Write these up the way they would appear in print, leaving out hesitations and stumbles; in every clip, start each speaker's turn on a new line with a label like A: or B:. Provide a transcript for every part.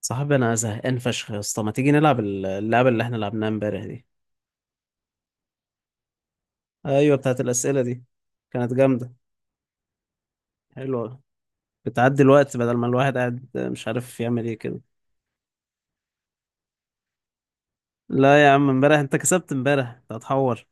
A: صاحبي انا زهقان فشخ يا اسطى، ما تيجي نلعب اللعبه اللي احنا لعبناها امبارح دي؟ ايوه، بتاعت الاسئله دي. كانت جامده، حلوه. بتعدي الوقت بدل ما الواحد قاعد مش عارف يعمل ايه كده. لا يا عم، امبارح انت كسبت. امبارح انت هتحور.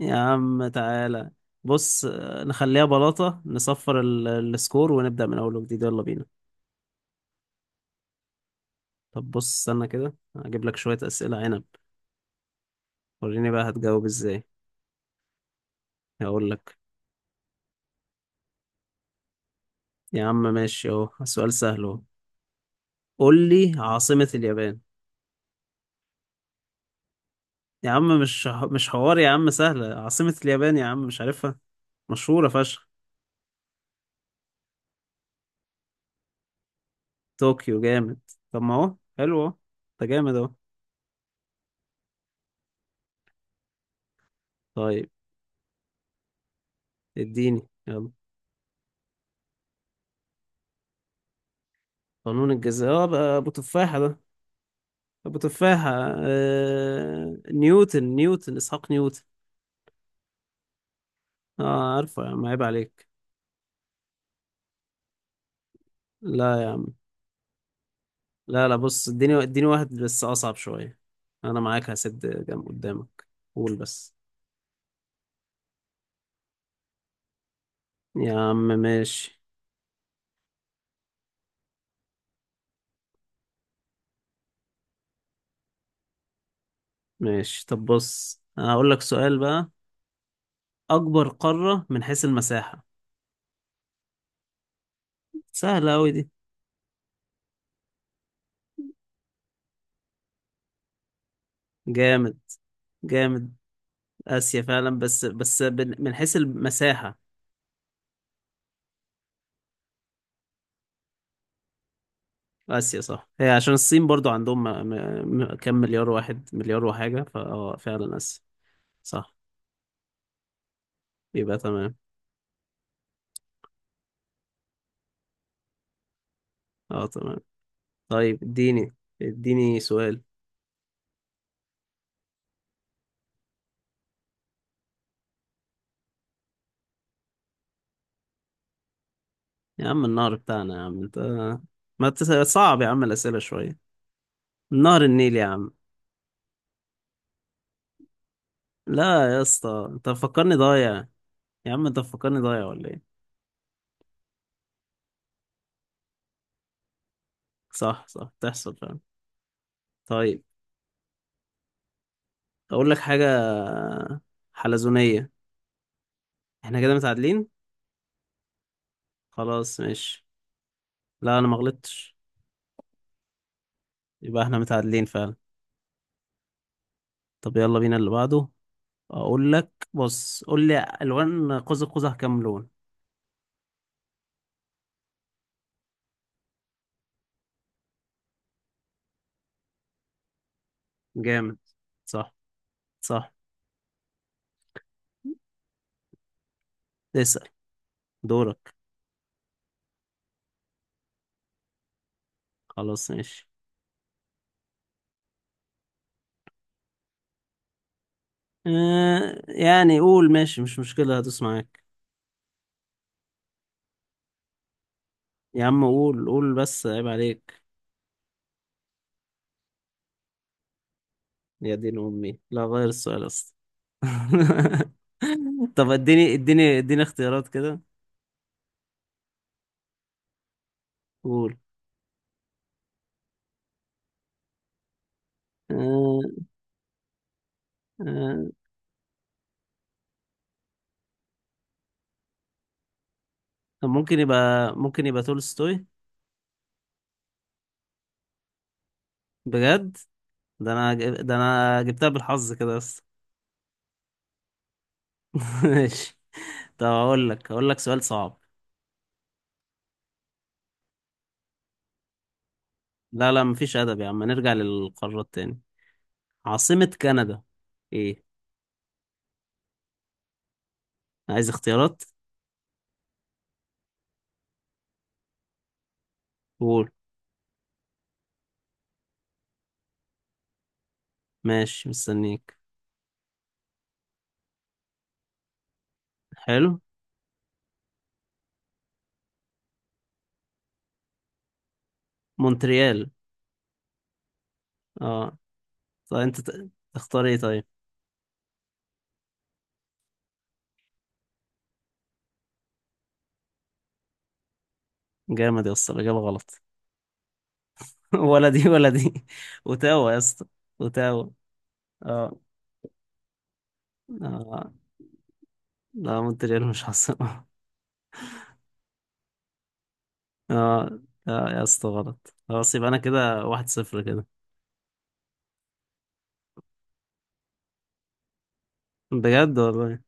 A: يا عم تعالى. بص نخليها بلاطه. نصفر السكور ونبدا من اول وجديد. يلا بينا. طب بص استنى كده، هجيب لك شويه اسئله عنب. وريني بقى هتجاوب ازاي. هقول لك. يا عم ماشي، اهو سؤال سهل اهو. قول لي عاصمه اليابان. يا عم مش حوار يا عم، سهلة. عاصمة اليابان يا عم مش عارفها؟ مشهورة فشخ. طوكيو جامد. طب ما اهو حلو اهو. ده جامد اهو. طيب اديني يلا. قانون الجاذبية، اه بقى ابو تفاحة ده. ابو تفاحة. نيوتن. اسحاق نيوتن. اه عارفه يا عم، عيب عليك. لا يا عم. لا بص، اديني واحد بس اصعب شوية. انا معاك، هسد جنب قدامك. قول بس. يا عم ماشي. ماشي. طب بص، أنا هقول لك سؤال بقى. أكبر قارة من حيث المساحة. سهلة أوي دي. جامد. جامد. آسيا فعلا، بس من حيث المساحة. آسيا صح، هي عشان الصين برضو عندهم كام مليار. واحد مليار وحاجة، فأه فعلا آسيا. صح. يبقى تمام. أه تمام. طيب اديني. اديني سؤال. يا عم النهر بتاعنا يا عم انت. ما تس... صعب يا عم الأسئلة شوية. نهر النيل يا عم. لا يا اسطى، انت مفكرني ضايع. يا عم انت مفكرني ضايع ولا ايه؟ صح صح، تحصل فعلا. طيب اقول لك حاجة. حلزونية. احنا كده متعادلين. خلاص ماشي. لا انا ما غلطتش. يبقى احنا متعادلين فعلا. طب يلا بينا اللي بعده. اقول لك، بص قول لي الوان قوس قزح كام لون. جامد. صح. صح. اسأل. دورك. خلاص ماشي. اه يعني قول ماشي، مش مشكلة، هدوس معاك. يا عم قول قول بس، عيب عليك. يا دين امي، لا غير السؤال اصلا. طب اديني اختيارات كده. قول. آه. آه. طب ممكن يبقى. ممكن يبقى تولستوي. بجد؟ ده انا جبتها بالحظ كده بس. ماشي. طب اقول لك سؤال صعب. لا لا مفيش ادب يا عم، نرجع للقارات تاني. عاصمة كندا. ايه؟ عايز اختيارات. قول. ماشي مستنيك. حلو. مونتريال. اه. طب انت تختار ايه طيب؟ جامد يا اسطى، الاجابة غلط. ولا دي ولا دي. اوتاوا يا اسطى. اوتاوا. اه. آه. لا مونتريال مش عاصمة. اه. لا يا اسطى غلط خلاص، يبقى انا كده واحد صفر كده. بجد والله.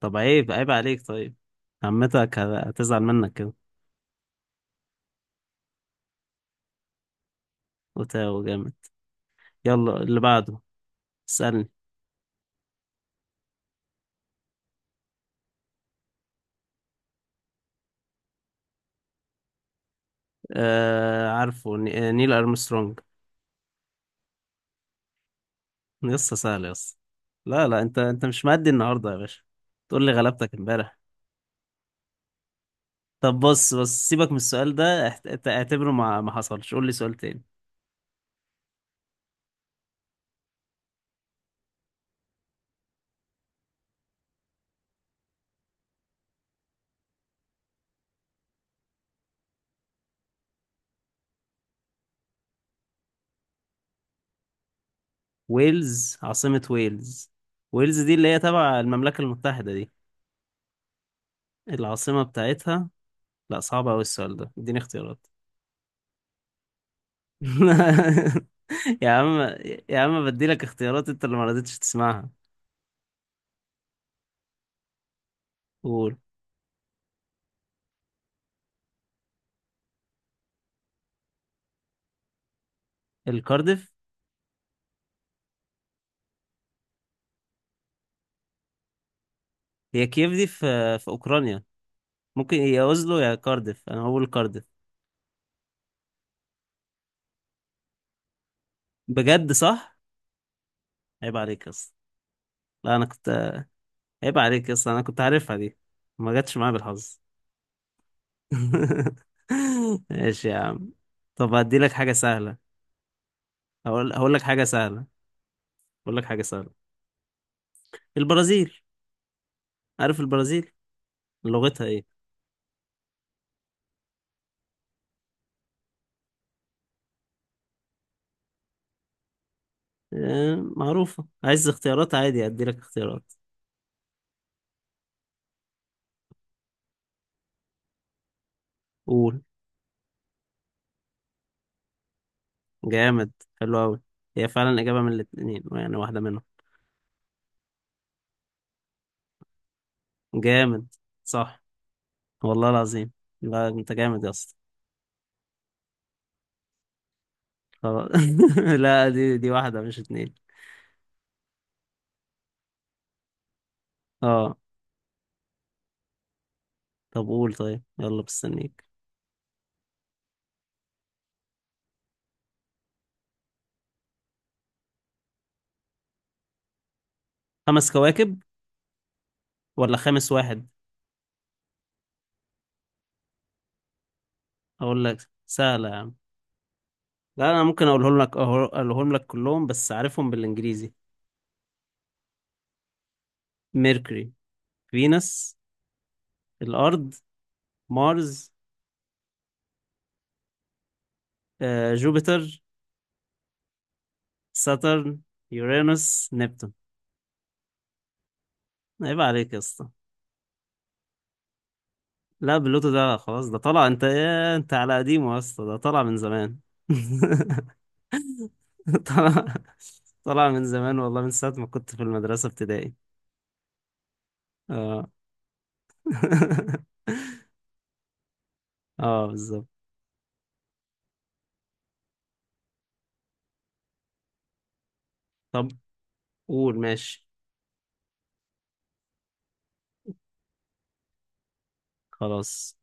A: طب عيب، عيب عليك طيب. عمتك هتزعل منك كده. وتاو جامد. يلا اللي بعده. اسألني. آه عارفه نيل ارمسترونج. لسه سهل يا اسطى. لا لا، انت مش مادي النهارده يا باشا. تقول لي غلبتك امبارح. طب بص سيبك من السؤال ده، اعتبره ما حصلش. قول لي سؤال تاني. ويلز. عاصمة ويلز. ويلز دي اللي هي تبع المملكة المتحدة دي. العاصمة بتاعتها. لا صعب أوي السؤال ده، اديني اختيارات. يا عم. يا عم بديلك اختيارات انت اللي ما رضيتش تسمعها. قول. الكارديف. هي كييف دي في. في أوكرانيا. ممكن يا أوزلو يا كارديف، أنا هقول كارديف. بجد صح. عيب عليك يا اسطى. لا أنا كنت. عيب عليك يا اسطى، أنا كنت عارفها دي. ما جاتش معايا بالحظ. ماشي يا عم. طب هديلك حاجة سهلة. هقول لك حاجة سهلة. هقول لك حاجة سهلة. البرازيل. عارف البرازيل. لغتها ايه؟ آه، معروفة. عايز اختيارات عادي أديلك اختيارات. قول. جامد. حلو أوي. هي فعلا إجابة من الاتنين يعني، واحدة منهم. جامد. صح. والله العظيم. لا أنت جامد يا اسطى. خلاص. لا دي واحدة مش اتنين. اه. طب قول، طيب يلا مستنيك. خمس كواكب؟ ولا خامس واحد؟ أقول لك سهلة يا عم. لا أنا ممكن أقولهم لك كلهم بس عارفهم بالإنجليزي. ميركوري. فينوس. الأرض. مارس. جوبيتر. ساترن. يورانوس. نبتون. عيب عليك يا اسطى. لا بلوتو ده خلاص، ده طلع. انت ايه انت على قديمه يا اسطى، ده طلع من زمان. طلع. طلع من زمان والله، من ساعة ما كنت في المدرسة ابتدائي. اه. اه بالظبط. طب قول ماشي. خلاص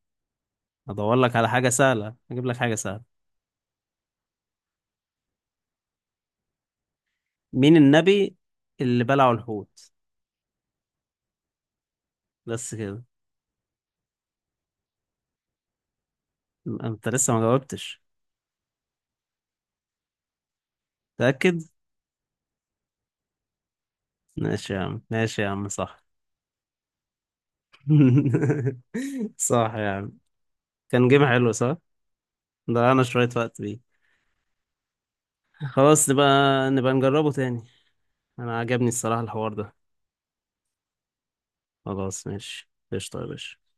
A: هدور لك على حاجة سهلة، هجيب لك حاجة سهلة. مين النبي اللي بلعه الحوت؟ بس كده. انت لسه ما جاوبتش. متأكد؟ ماشي يا عم، ماشي يا عم، صح. صح يا عم. كان جيم حلو صح. ضيعنا شوية وقت بيه. خلاص نبقى. نبقى نجربه تاني. انا عجبني الصراحة الحوار ده. خلاص ماشي، قشطة يا باشا.